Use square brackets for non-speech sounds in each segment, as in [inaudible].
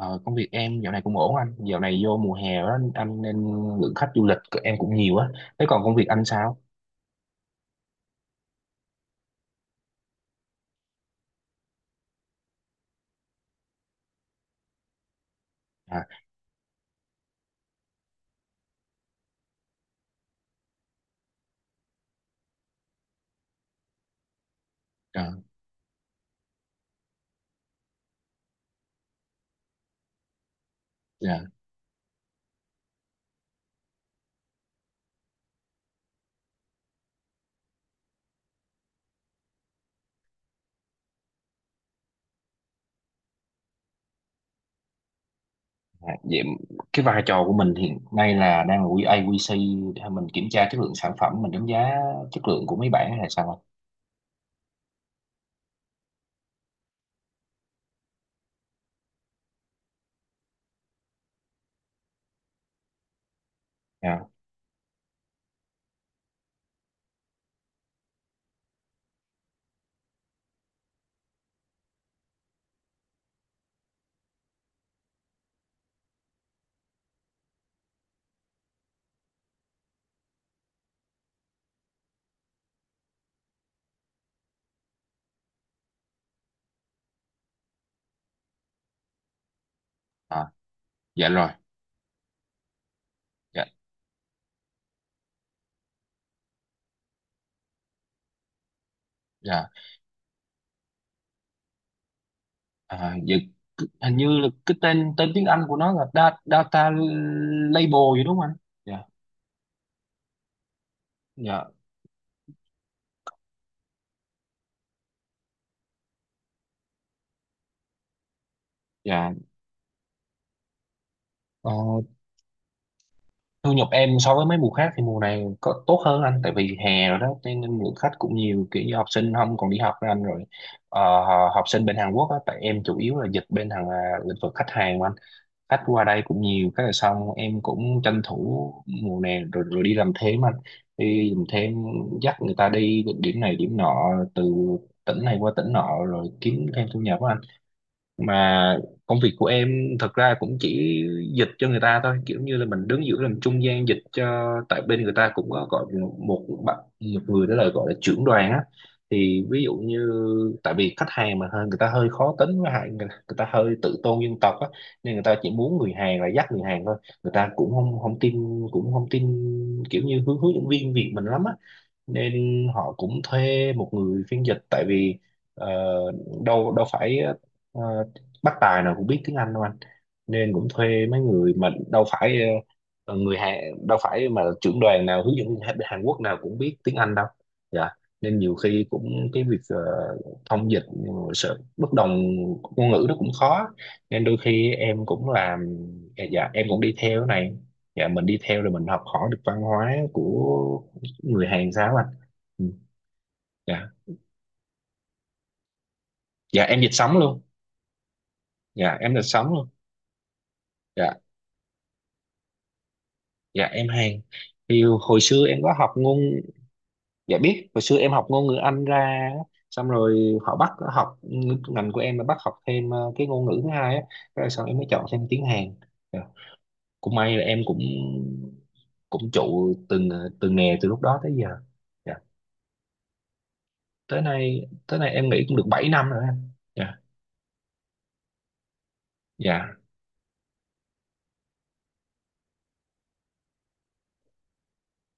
Ờ, Công việc em dạo này cũng ổn anh. Dạo này vô mùa hè đó anh nên lượng khách du lịch của em cũng nhiều á. Thế còn công việc anh sao? À, à, dạ, dạ. Vậy, cái vai trò của mình hiện nay là đang là QA QC, hay mình kiểm tra chất lượng sản phẩm, mình đánh giá chất lượng của mấy bạn hay là sao anh? Dạ. À, dạ rồi. Dạ, dạ. À, dạ. Hình như là cái tên tên tiếng Anh của nó là data label vậy đúng không anh? Dạ, dạ, dạ. Ờ, Thu nhập em so với mấy mùa khác thì mùa này có tốt hơn anh. Tại vì hè rồi đó cho nên lượng khách cũng nhiều, kiểu như học sinh không còn đi học với anh rồi. Ờ, Học sinh bên Hàn Quốc á, tại em chủ yếu là dịch bên hàng à, lĩnh vực khách hàng mà anh. Khách qua đây cũng nhiều, cái là xong em cũng tranh thủ mùa này rồi, đi làm thêm anh. Đi làm thêm, dắt người ta đi điểm này điểm nọ, từ tỉnh này qua tỉnh nọ rồi kiếm thêm thu nhập á anh. Mà công việc của em thật ra cũng chỉ dịch cho người ta thôi, kiểu như là mình đứng giữa làm trung gian dịch cho, tại bên người ta cũng có gọi một một bạn, một người đó là gọi là trưởng đoàn á. Thì ví dụ như, tại vì khách hàng mà hơi, người ta hơi khó tính, với lại người ta hơi tự tôn dân tộc á, nên người ta chỉ muốn người Hàn là dắt người Hàn thôi. Người ta cũng không không tin, cũng không tin kiểu như hướng hướng dẫn viên Việt mình lắm á, nên họ cũng thuê một người phiên dịch. Tại vì ờ, đâu đâu phải ờ, bác tài nào cũng biết tiếng Anh đâu anh, nên cũng thuê mấy người. Mà đâu phải người Hàn, đâu phải mà trưởng đoàn nào, hướng dẫn viên Hàn Hàn Quốc nào cũng biết tiếng Anh đâu. Dạ. Nên nhiều khi cũng cái việc thông dịch, sự bất đồng ngôn ngữ nó cũng khó, nên đôi khi em cũng làm. Dạ em cũng đi theo cái này. Dạ mình đi theo rồi mình học hỏi được văn hóa của người Hàn sao anh. Ừ. Dạ. Dạ em dịch sống luôn. Dạ em dịch sống luôn. Dạ, dạ em Hàn. Thì hồi xưa em có học ngôn. Dạ biết, hồi xưa em học ngôn ngữ Anh ra á, xong rồi họ bắt học, ngành của em là bắt học thêm cái ngôn ngữ thứ hai á, rồi sau em mới chọn thêm tiếng Hàn. Dạ. Cũng may là em cũng cũng trụ từng nghề từ lúc đó tới giờ. Dạ. Tới nay em nghĩ cũng được 7 năm rồi anh. Dạ. Dạ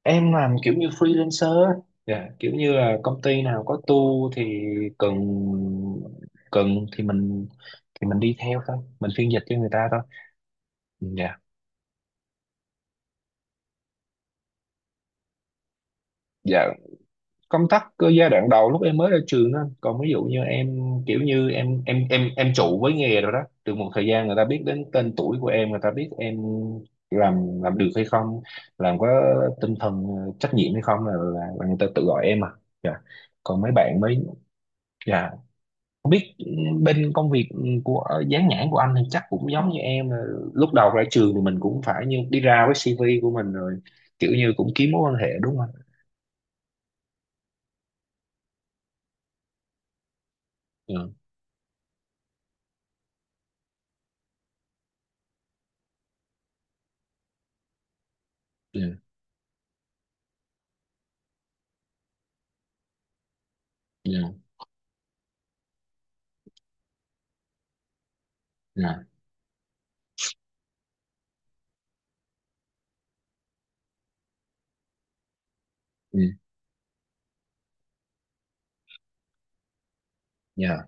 em làm kiểu như freelancer á. Dạ kiểu như là công ty nào có tour thì cần cần thì mình đi theo thôi, mình phiên dịch cho người ta thôi. Dạ. Dạ công tác cơ giai đoạn đầu lúc em mới ra trường đó. Còn ví dụ như em, kiểu như em trụ với nghề rồi đó, từ một thời gian người ta biết đến tên tuổi của em, người ta biết em làm được hay không, làm có tinh thần trách nhiệm hay không, là người ta tự gọi em à. Dạ. Còn mấy bạn mới. Dạ. Không biết bên công việc của dán nhãn của anh thì chắc cũng giống như em là, lúc đầu ra trường thì mình cũng phải như đi ra với CV của mình rồi, kiểu như cũng kiếm mối quan hệ đúng không? Dạ, dạ, dạ, dạ. Ừ, ừ. Dạ.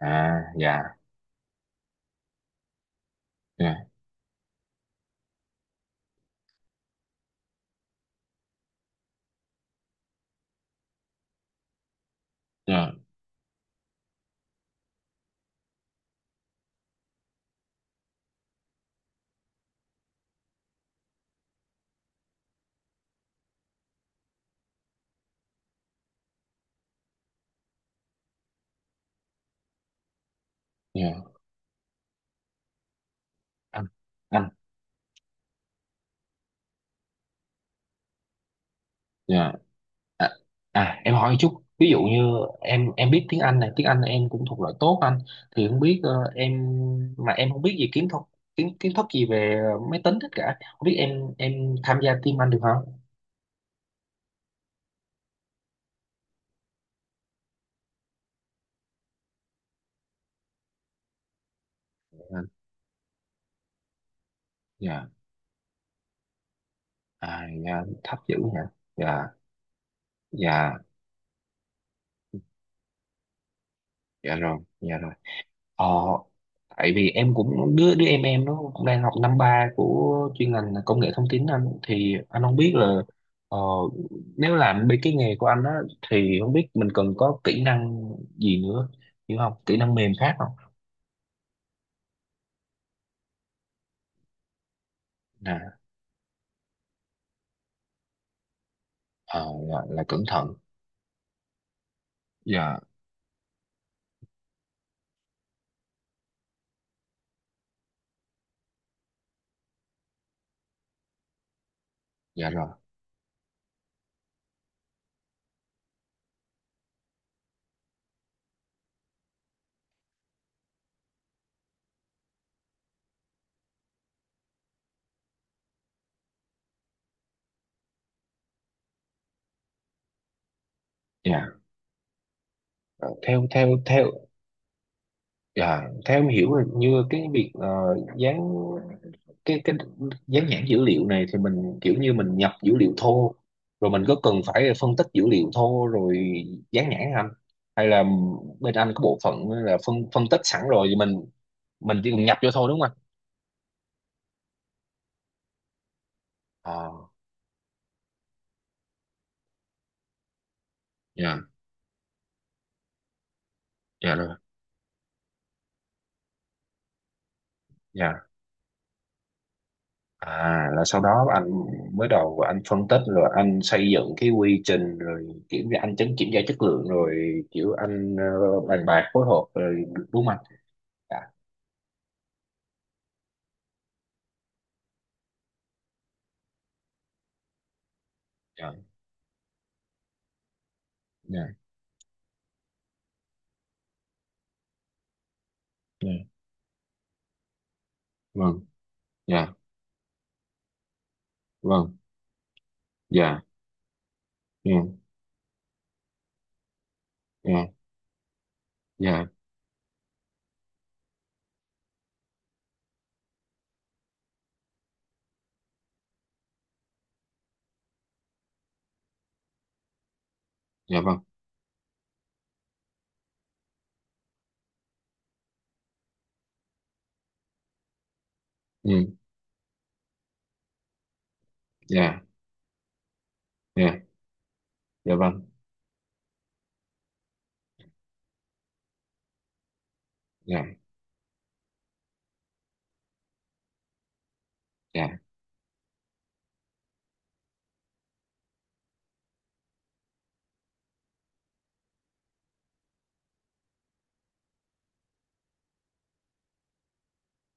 À, dạ, dạ, dạ, dạ. Anh, anh. Dạ, à, à, em hỏi một chút, ví dụ như em biết tiếng Anh này, tiếng Anh em cũng thuộc loại tốt anh, thì không biết em, mà em không biết gì kiến thức gì về máy tính tất cả, không biết em tham gia team anh được không? Dạ. À, dạ thấp dữ nhỉ. Dạ dạ. Dạ rồi. Dạ rồi. ờ Tại vì em cũng đứa đứa em nó cũng đang học năm ba của chuyên ngành là công nghệ thông tin anh, thì anh không biết là ờ, nếu làm bên cái nghề của anh á thì không biết mình cần có kỹ năng gì nữa, hiểu không, kỹ năng mềm khác không. Nè. Ờ, là cẩn thận. Dạ. Dạ rồi. Dạ. Ờ, theo theo theo Dạ, theo em hiểu là như cái việc dán cái dán nhãn dữ liệu này thì mình kiểu như mình nhập dữ liệu thô, rồi mình có cần phải phân tích dữ liệu thô rồi dán nhãn không anh, hay là bên anh có bộ phận là phân phân tích sẵn rồi thì mình chỉ cần nhập vô thôi đúng không anh? À, dạ. Dạ rồi. Dạ. À, là sau đó anh, mới đầu anh phân tích rồi anh xây dựng cái quy trình, rồi kiểm tra, anh chấm kiểm tra chất lượng, rồi kiểu anh bàn bạc phối hợp rồi đúng không anh? Dạ, dạ, dạ, dạ. Vâng. Dạ, vâng. Dạ, dạ, dạ, dạ, dạ, vâng. Ừ. Dạ, dạ, dạ, vâng. Dạ, dạ,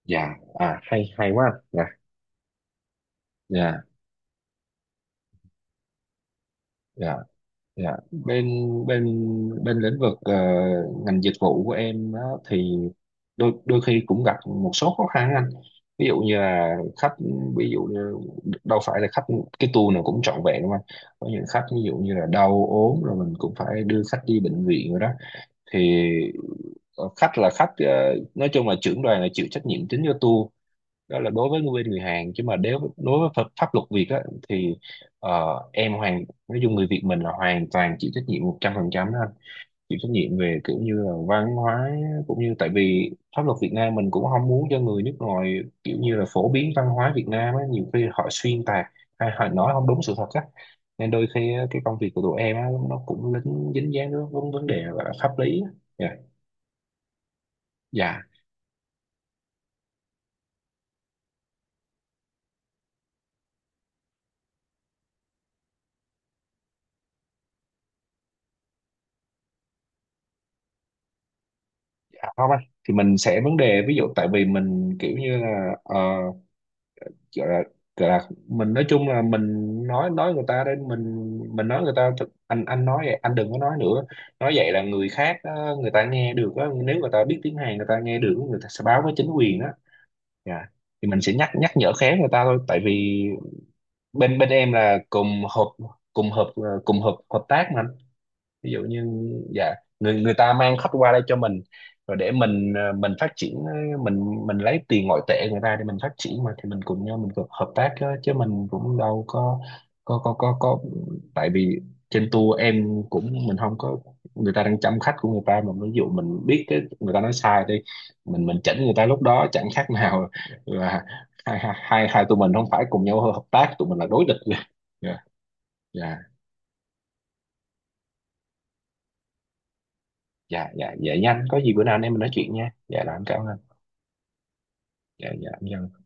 dạ. À, hay hay quá. Dạ, dạ, dạ, dạ. Bên bên bên lĩnh vực ngành dịch vụ của em á, thì đôi đôi khi cũng gặp một số khó khăn anh. Ví dụ như là khách, ví dụ như đâu phải là khách cái tour nào cũng trọn vẹn đâu anh. Có những khách ví dụ như là đau ốm rồi mình cũng phải đưa khách đi bệnh viện rồi đó. Thì khách là khách, nói chung là trưởng đoàn là chịu trách nhiệm chính cho tour. Đó là đối với người bên người Hàn, chứ mà nếu đối với pháp luật Việt á, thì ờ, em nói chung người Việt mình là hoàn toàn chịu trách nhiệm 100% đó anh. Chịu trách nhiệm về kiểu như là văn hóa, cũng như tại vì pháp luật Việt Nam mình cũng không muốn cho người nước ngoài kiểu như là phổ biến văn hóa Việt Nam á, nhiều khi họ xuyên tạc hay họ nói không đúng sự thật á. Nên đôi khi á, cái công việc của tụi em á, nó cũng lính dính dáng đến vấn vấn đề gọi là pháp lý á. Dạ. Dạ, dạ không anh. Thì mình sẽ, vấn đề ví dụ tại vì mình kiểu như là gọi là gọi là mình nói chung là mình nói người ta, đến mình nói người ta anh nói vậy anh đừng có nói nữa. Nói vậy là người khác người ta nghe được á, nếu người ta biết tiếng Hàn người ta nghe được, người ta sẽ báo với chính quyền đó. Dạ. Thì mình sẽ nhắc nhắc nhở khéo người ta thôi, tại vì bên bên em là cùng hợp, cùng hợp ờ, cùng hợp hợp tác mà, ví dụ như. Dạ. Người người ta mang khách qua đây cho mình rồi để mình mình phát triển, mình lấy tiền ngoại tệ người ta để mình phát triển mà, thì mình cùng nhau, mình cùng hợp tác chứ, mình cũng đâu có có có có có tại vì trên tour em cũng, mình không có, người ta đang chăm khách của người ta mà, ví dụ mình biết cái người ta nói sai đi, mình chỉnh người ta lúc đó chẳng khác nào là hai hai hai hai tụi mình không phải cùng nhau hợp tác, tụi mình là đối địch. [laughs] Dạ. Dạ, dạ, dạ, dạ nhanh, có gì bữa nào anh em mình nói chuyện nha, dạ là em cảm ơn. Dạ, dạ em chào anh.